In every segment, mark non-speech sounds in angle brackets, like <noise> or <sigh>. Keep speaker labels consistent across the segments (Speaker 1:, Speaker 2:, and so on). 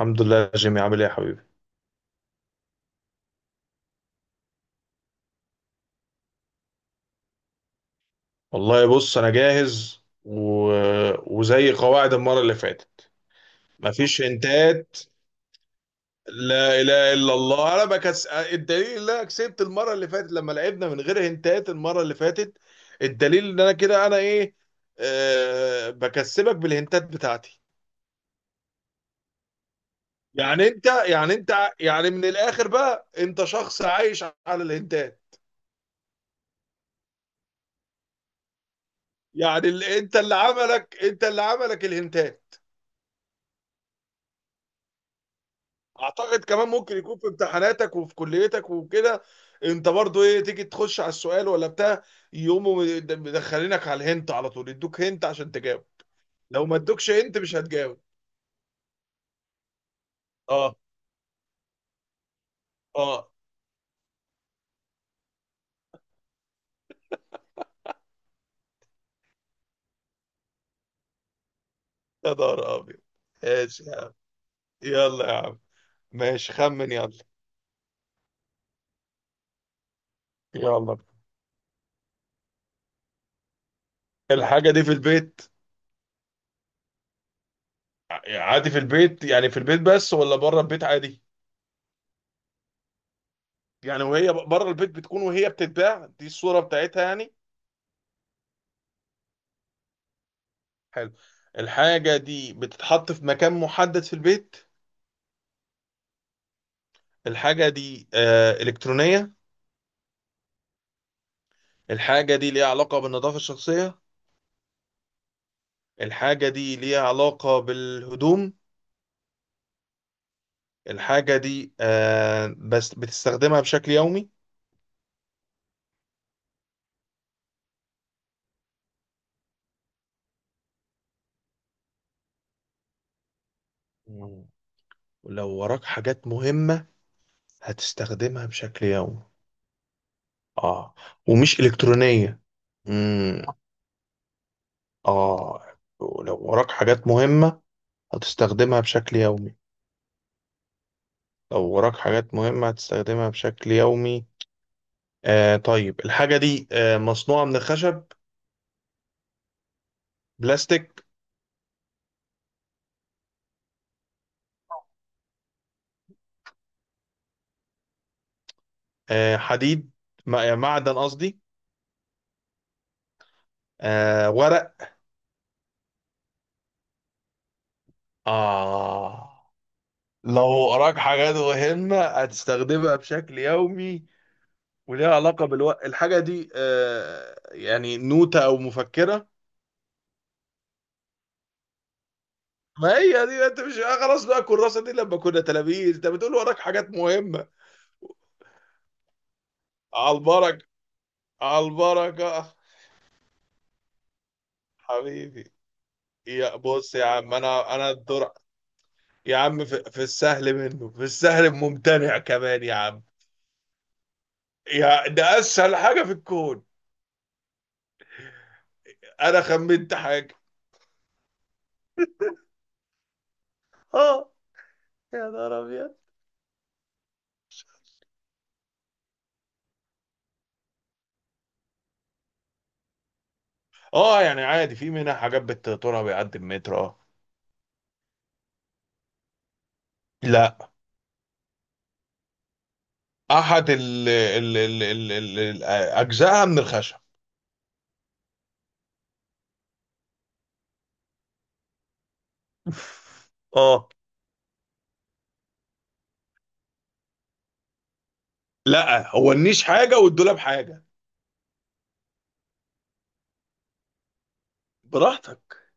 Speaker 1: الحمد لله يا جيمي، عامل ايه يا حبيبي؟ والله بص، انا جاهز وزي قواعد المره اللي فاتت. مفيش هنتات. لا اله الا الله، انا الدليل ان انا كسبت المره اللي فاتت لما لعبنا من غير هنتات المره اللي فاتت. الدليل ان انا كده انا ايه. بكسبك بالهنتات بتاعتي. يعني انت يعني انت يعني من الاخر بقى انت شخص عايش على الهنتات. يعني انت اللي عملك الهنتات. اعتقد كمان ممكن يكون في امتحاناتك وفي كليتك وكده. انت برضو ايه، تيجي تخش على السؤال ولا بتاع؟ يقوموا مدخلينك على الهنت على طول، يدوك هنت عشان تجاوب. لو ما ادوكش هنت مش هتجاوب. اه اه. يا نهار ابيض. ماشي يا عم. يلا يا عم. ماشي خمن، يلا. يلا. الحاجة دي في البيت. عادي في البيت، يعني في البيت بس ولا بره البيت عادي؟ يعني وهي بره البيت بتكون وهي بتتباع، دي الصورة بتاعتها يعني. حلو. الحاجة دي بتتحط في مكان محدد في البيت. الحاجة دي إلكترونية. الحاجة دي ليها علاقة بالنظافة الشخصية. الحاجة دي ليها علاقة بالهدوم. الحاجة دي بس بتستخدمها بشكل يومي. مم. ولو وراك حاجات مهمة هتستخدمها بشكل يومي. اه. ومش إلكترونية. مم. اه. ولو وراك حاجات مهمة هتستخدمها بشكل يومي. لو وراك حاجات مهمة هتستخدمها بشكل يومي. آه طيب، الحاجة دي مصنوعة من خشب؟ بلاستيك؟ حديد. معدن قصدي. ورق. آه. لو وراك حاجات مهمة هتستخدمها بشكل يومي وليها علاقة بالوقت، الحاجة دي يعني نوتة أو مفكرة؟ ما هي دي، انت مش خلاص بقى الكراسة دي لما كنا تلاميذ انت بتقول وراك حاجات مهمة. على البركة. على البركة. حبيبي. يا بص يا عم، انا الدور. يا عم، في السهل منه، في السهل ممتنع كمان يا عم. يا ده اسهل حاجه في الكون. انا خمنت حاجه. اه. يا نهار ابيض. اه، يعني عادي، في منها حاجات بتطولها بيعدي المتر. اه. لا. احد اجزائها من الخشب. <laughs> اه. لا، هو النيش حاجه والدولاب حاجه. براحتك.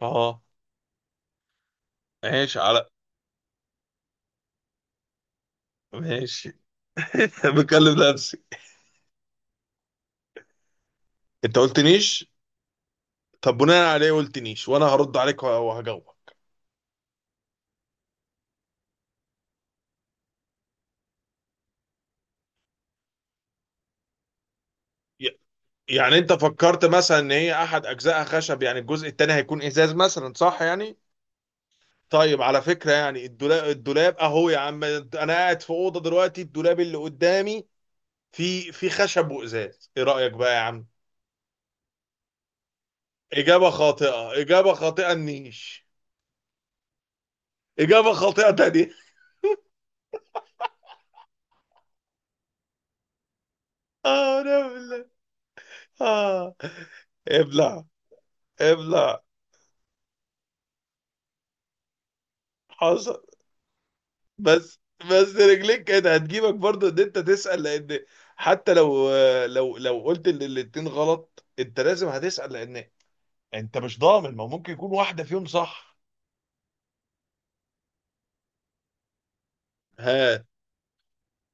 Speaker 1: اه. ماشي على ماشي. <laughs> بكلم نفسي. انت قلت نيش. طب بناء عليه قلت نيش، وانا هرد عليك وهجاوب. يعني انت فكرت مثلا ان هي احد اجزائها خشب، يعني الجزء التاني هيكون ازاز مثلا، صح يعني؟ طيب على فكرة، يعني الدولاب اهو، يا عم انا قاعد في اوضة دلوقتي، الدولاب اللي قدامي في خشب وازاز، ايه رأيك بقى يا عم؟ اجابة خاطئة، اجابة خاطئة النيش. اجابة خاطئة تانية. <laughs> اه لا بالله. اه. ابلع. ابلع. حصل. بس. بس رجليك كانت هتجيبك برضه ان انت تسأل، لان حتى لو، لو قلت ان الاتنين غلط، انت لازم هتسأل، لان انت مش ضامن، ما هو ممكن يكون واحدة فيهم صح. ها.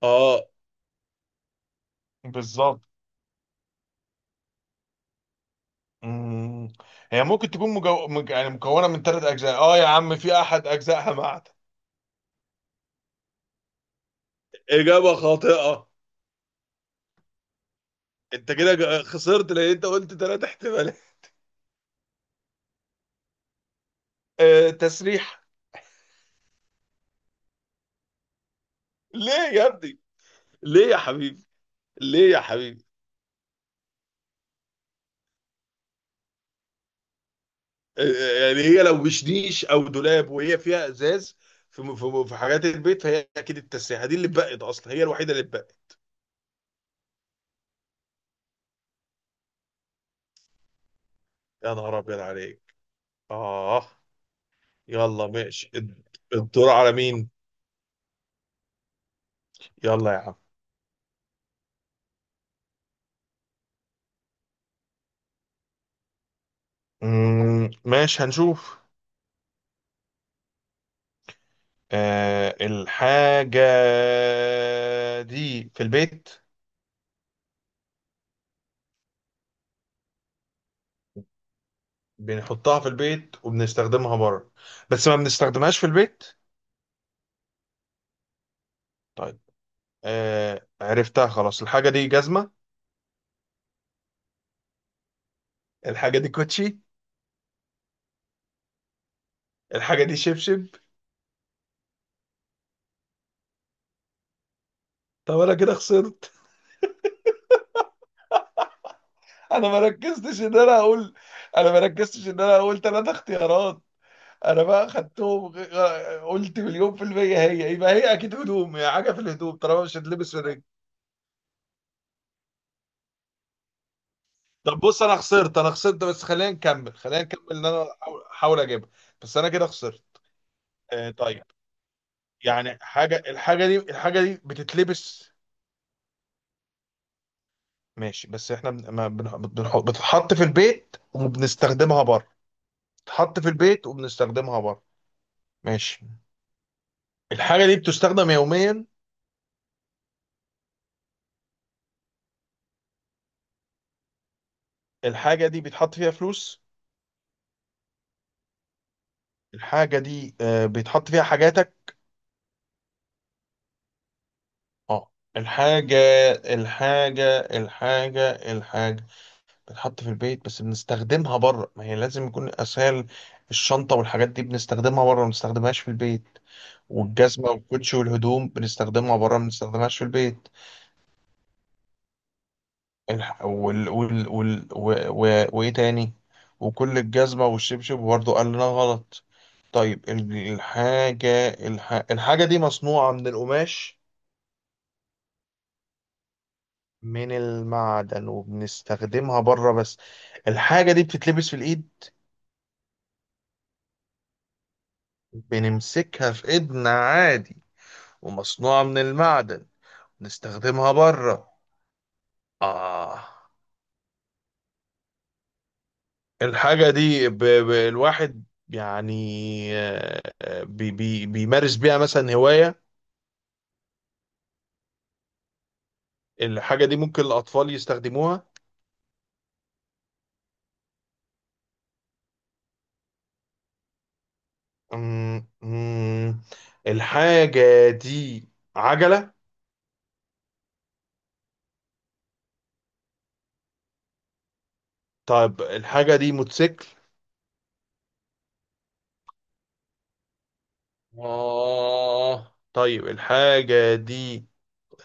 Speaker 1: اه. بالظبط. مم. هي ممكن تكون يعني مكونة من ثلاث أجزاء، اه يا عم، في أحد أجزائها معدن. إجابة خاطئة. أنت كده خسرت، لأن أنت قلت تلات احتمالات. تسريح. ليه يا ابني؟ ليه يا حبيبي؟ ليه يا حبيبي؟ يعني هي لو مش نيش او دولاب، وهي فيها ازاز، في حاجات البيت، فهي اكيد التسريحه دي اللي اتبقت، اصلا هي الوحيده اللي اتبقت. يا نهار ابيض عليك. اه. يلا ماشي، الدور على مين؟ يلا يا عم. ماشي، هنشوف. الحاجة دي في البيت. بنحطها في البيت وبنستخدمها بره، بس ما بنستخدمهاش في البيت. طيب. آه عرفتها خلاص، الحاجة دي جزمة؟ الحاجة دي كوتشي؟ الحاجه دي شبشب؟ طب انا كده خسرت. انا ما ركزتش ان انا اقول. انا ما ركزتش ان انا اقول ثلاث اختيارات. انا بقى خدتهم، قلت مليون في المية، هي يبقى هي اكيد هدوم، هي حاجة في الهدوم طالما مش هتلبس في الرجل. طب بص انا خسرت، انا خسرت، بس خلينا نكمل، خلينا نكمل ان انا احاول اجيبها. بس انا كده خسرت. آه طيب. يعني حاجة، الحاجة دي بتتلبس. ماشي، بس احنا بن- ما بن- بنحط بتتحط في البيت وبنستخدمها بره. بتتحط في البيت وبنستخدمها بره. ماشي. الحاجة دي بتستخدم يوميا. الحاجة دي بيتحط فيها فلوس. الحاجة دي بيتحط فيها حاجاتك. اه. الحاجة الحاجة بتتحط في البيت بس بنستخدمها بره، ما هي لازم يكون أسهل. الشنطة والحاجات دي بنستخدمها بره، ما بنستخدمهاش في البيت. والجزمة والكوتشي والهدوم بنستخدمها بره، ما بنستخدمهاش في البيت. وايه تاني؟ وكل الجزمة والشبشب برضه قال لنا غلط. طيب الحاجة دي مصنوعة من القماش؟ من المعدن، وبنستخدمها بره بس. الحاجة دي بتتلبس في الإيد؟ بنمسكها في إيدنا عادي. ومصنوعة من المعدن. نستخدمها بره. آه. الحاجة دي الواحد يعني بيمارس بيها مثلا هواية. الحاجة دي ممكن الأطفال يستخدموها. أمم، أمم، الحاجة دي عجلة؟ طيب الحاجة دي موتوسيكل؟ آه طيب، الحاجة دي.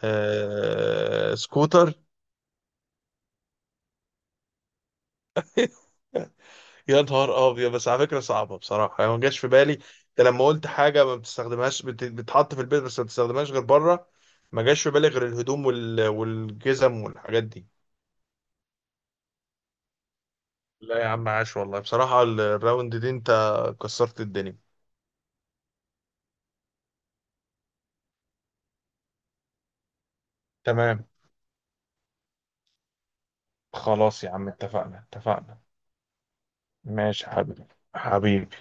Speaker 1: سكوتر. يا نهار أبيض! بس على فكرة صعبة بصراحة، يعني ما جاش في بالي، أنت لما قلت حاجة ما بتستخدمهاش، بتحط في البيت بس ما بتستخدمهاش غير بره. ما جاش في بالي غير الهدوم والجزم والحاجات دي. لا يا عم، عاش والله بصراحة، الراوند دي أنت كسرت الدنيا. تمام. خلاص يا عم، اتفقنا اتفقنا. ماشي يا حبيبي. حبيبي.